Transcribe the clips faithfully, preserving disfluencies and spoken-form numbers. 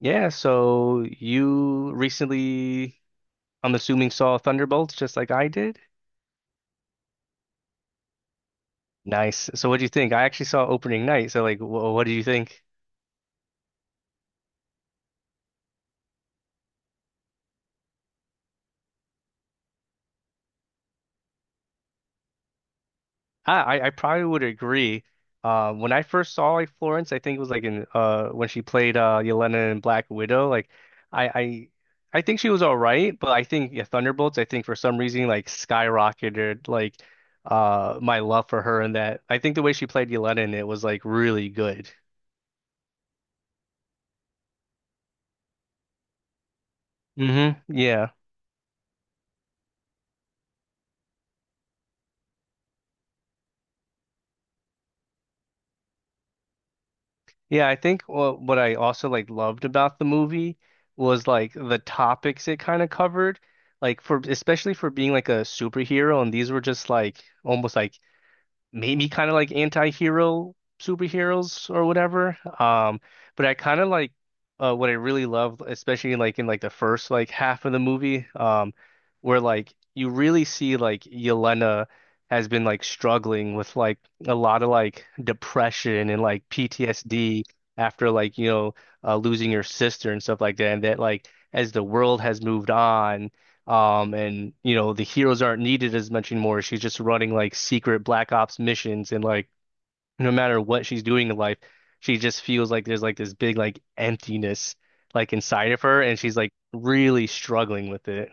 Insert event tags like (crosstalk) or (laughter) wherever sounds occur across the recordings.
Yeah, so you recently, I'm assuming, saw Thunderbolts just like I did. Nice. So what do you think? I actually saw opening night. So like, wh what do you think? Ah, I I probably would agree. Um, when I first saw like Florence, I think it was like in uh when she played uh Yelena in Black Widow. Like, I I I think she was all right, but I think yeah, Thunderbolts. I think for some reason like skyrocketed like uh my love for her in that. I think the way she played Yelena in it was like really good. Mm-hmm. Yeah. Yeah, I think wha- what I also like loved about the movie was like the topics it kind of covered, like for especially for being like a superhero, and these were just like almost like maybe kind of like anti-hero superheroes or whatever. Um, but I kind of like uh, what I really love, especially in like in like the first like half of the movie, um, where like you really see like Yelena has been like struggling with like a lot of like depression and like P T S D after like you know uh, losing your sister and stuff like that, and that like as the world has moved on um, and you know, the heroes aren't needed as much anymore. She's just running like secret Black Ops missions and like no matter what she's doing in life, she just feels like there's like this big like emptiness like inside of her and she's like really struggling with it.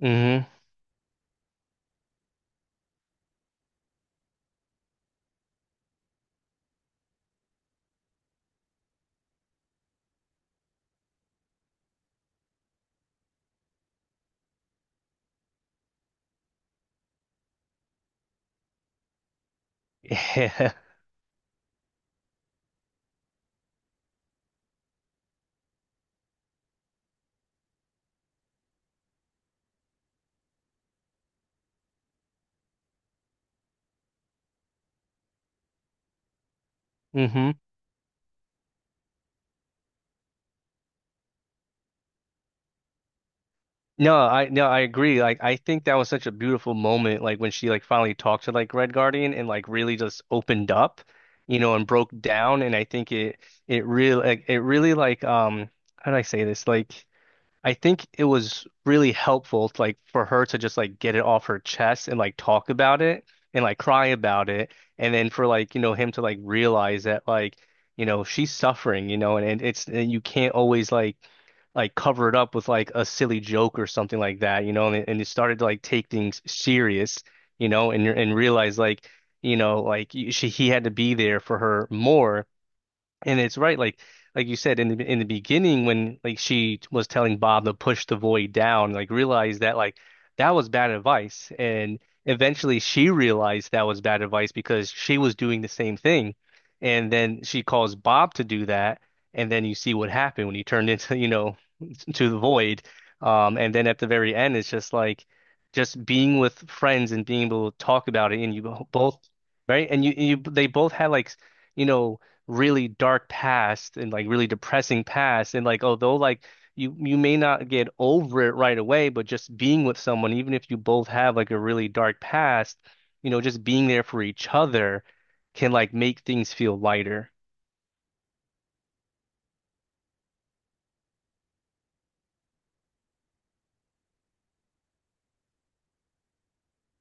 Hmm (laughs) Yeah. hmm No, I no, I agree. Like I think that was such a beautiful moment, like when she like finally talked to like Red Guardian and like really just opened up, you know, and broke down. And I think it it really like it really like um how do I say this? Like I think it was really helpful to, like for her to just like get it off her chest and like talk about it and like cry about it and then for like you know him to like realize that like you know she's suffering you know and, and it's and you can't always like like cover it up with like a silly joke or something like that you know and it, and it started to like take things serious you know and and realize like you know like y- she he had to be there for her more and it's right, like like you said in the in the beginning when like she was telling Bob to push the void down, like realize that like that was bad advice. And eventually she realized that was bad advice because she was doing the same thing. And then she calls Bob to do that. And then you see what happened when he turned (laughs) into, you know, to the void. Um, and then at the very end, it's just like just being with friends and being able to talk about it. And you bo- both, right? And you, you, they both had like, you know, really dark past and like really depressing past. And like, although like you, you may not get over it right away, but just being with someone, even if you both have like a really dark past, you know, just being there for each other can like make things feel lighter.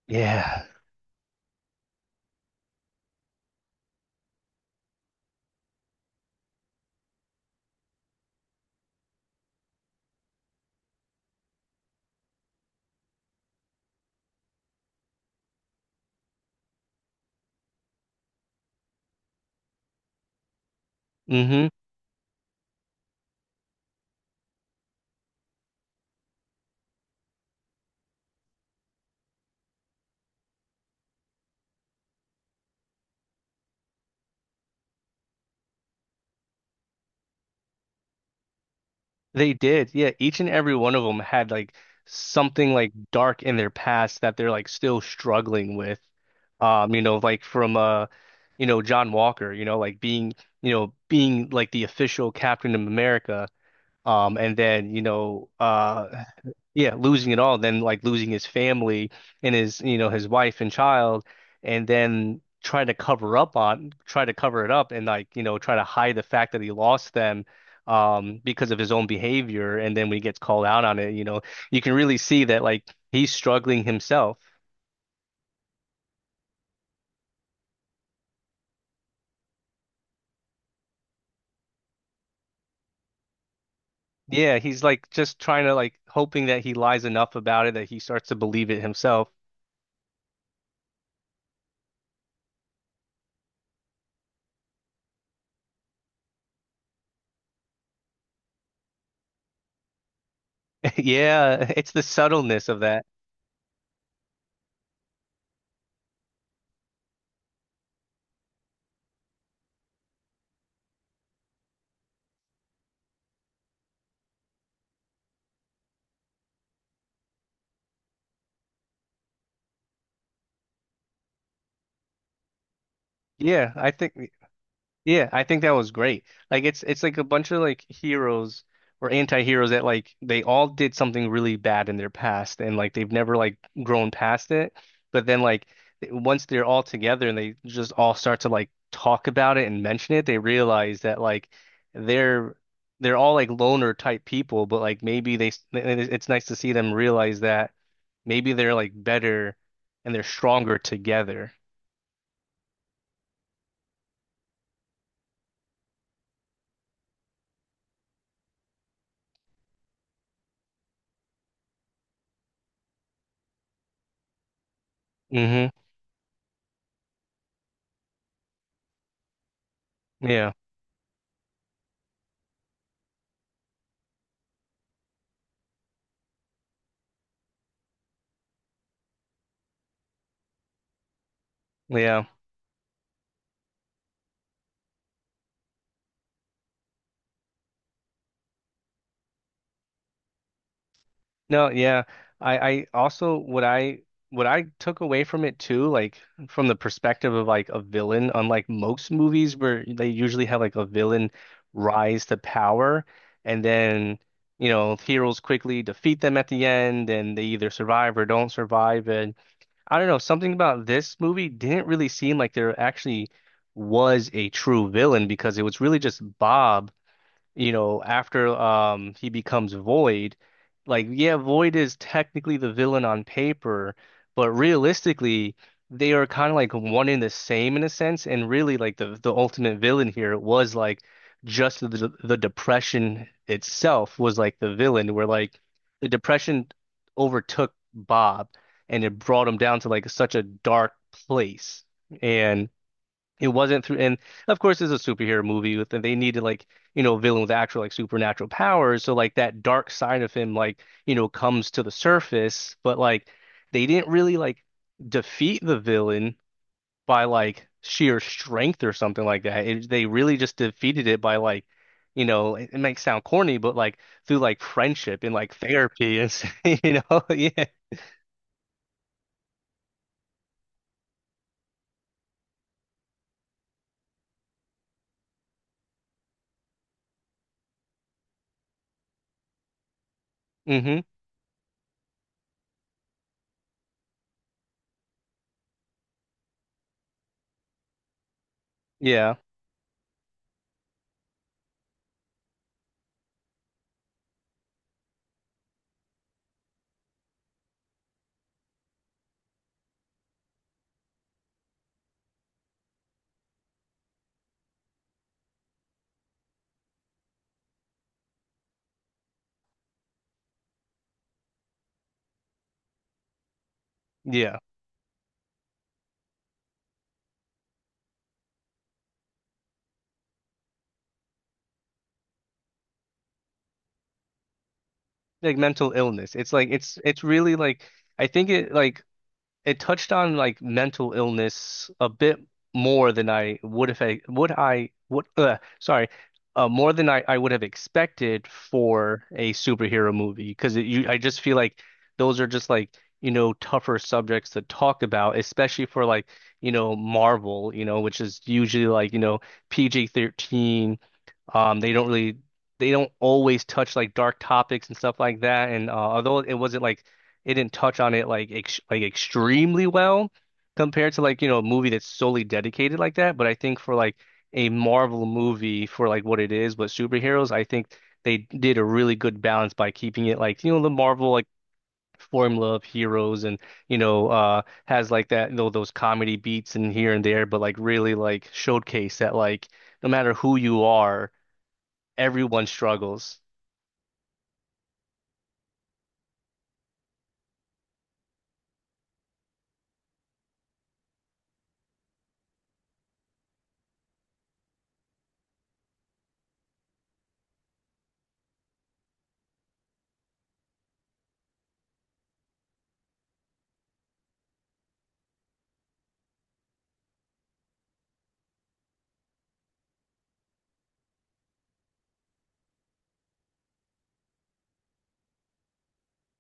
Yeah. hmm They did. Yeah, each and every one of them had like something like dark in their past that they're like still struggling with. Um, you know, like from uh, you know, John Walker, you know, like being, you know, being like the official Captain of America. Um, and then, you know, uh yeah, losing it all, then like losing his family and his, you know, his wife and child, and then trying to cover up on, try to cover it up and like, you know, try to hide the fact that he lost them um because of his own behavior. And then when he gets called out on it, you know, you can really see that like he's struggling himself. Yeah, he's like just trying to like hoping that he lies enough about it that he starts to believe it himself. (laughs) Yeah, it's the subtleness of that. Yeah, I think Yeah, I think that was great. Like it's it's like a bunch of like heroes or anti-heroes that like they all did something really bad in their past and like they've never like grown past it. But then like once they're all together and they just all start to like talk about it and mention it, they realize that like they're they're all like loner type people, but like maybe they s- it's nice to see them realize that maybe they're like better and they're stronger together. Hmm Yeah. Yeah. No, yeah. I, I also what I what I took away from it too, like from the perspective of like a villain, unlike most movies where they usually have like a villain rise to power and then, you know, heroes quickly defeat them at the end and they either survive or don't survive. And I don't know, something about this movie didn't really seem like there actually was a true villain because it was really just Bob you know, after um he becomes Void, like yeah, Void is technically the villain on paper, but realistically, they are kind of like one in the same in a sense, and really like the the ultimate villain here was like just the the depression itself was like the villain, where like the depression overtook Bob and it brought him down to like such a dark place. And it wasn't through, and of course, it's a superhero movie with, and they needed like, you know, a villain with actual like supernatural powers. So like that dark side of him, like, you know, comes to the surface, but like they didn't really like defeat the villain by like sheer strength or something like that. It, they really just defeated it by like, you know, it, it might sound corny, but like through like friendship and like therapy and, (laughs) you know, (laughs) yeah. hmm yeah. Yeah. Like mental illness. It's like, it's, it's really like, I think it like, it touched on like mental illness a bit more than I would have would I would uh, sorry uh, more than I, I would have expected for a superhero movie because you I just feel like those are just like you know tougher subjects to talk about especially for like you know Marvel you know which is usually like you know P G thirteen um, they don't really they don't always touch like dark topics and stuff like that. And uh, although it wasn't like it didn't touch on it like ex like extremely well compared to like you know a movie that's solely dedicated like that. But I think for like a Marvel movie for like what it is, but superheroes, I think they did a really good balance by keeping it like you know the Marvel like formula of heroes and you know uh has like that you know those comedy beats and here and there but like really like showcase that like no matter who you are everyone struggles.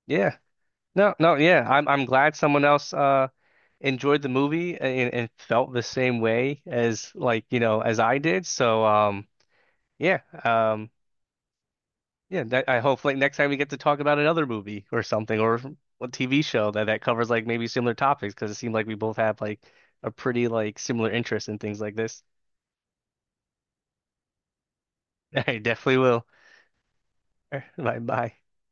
Yeah. No, no, yeah. I'm I'm glad someone else uh enjoyed the movie and, and felt the same way as like, you know, as I did. So um yeah. Um yeah, that, I hope like next time we get to talk about another movie or something or a T V show that that covers like maybe similar topics because it seemed like we both have like a pretty like similar interest in things like this. (laughs) I definitely will. (laughs) Bye bye.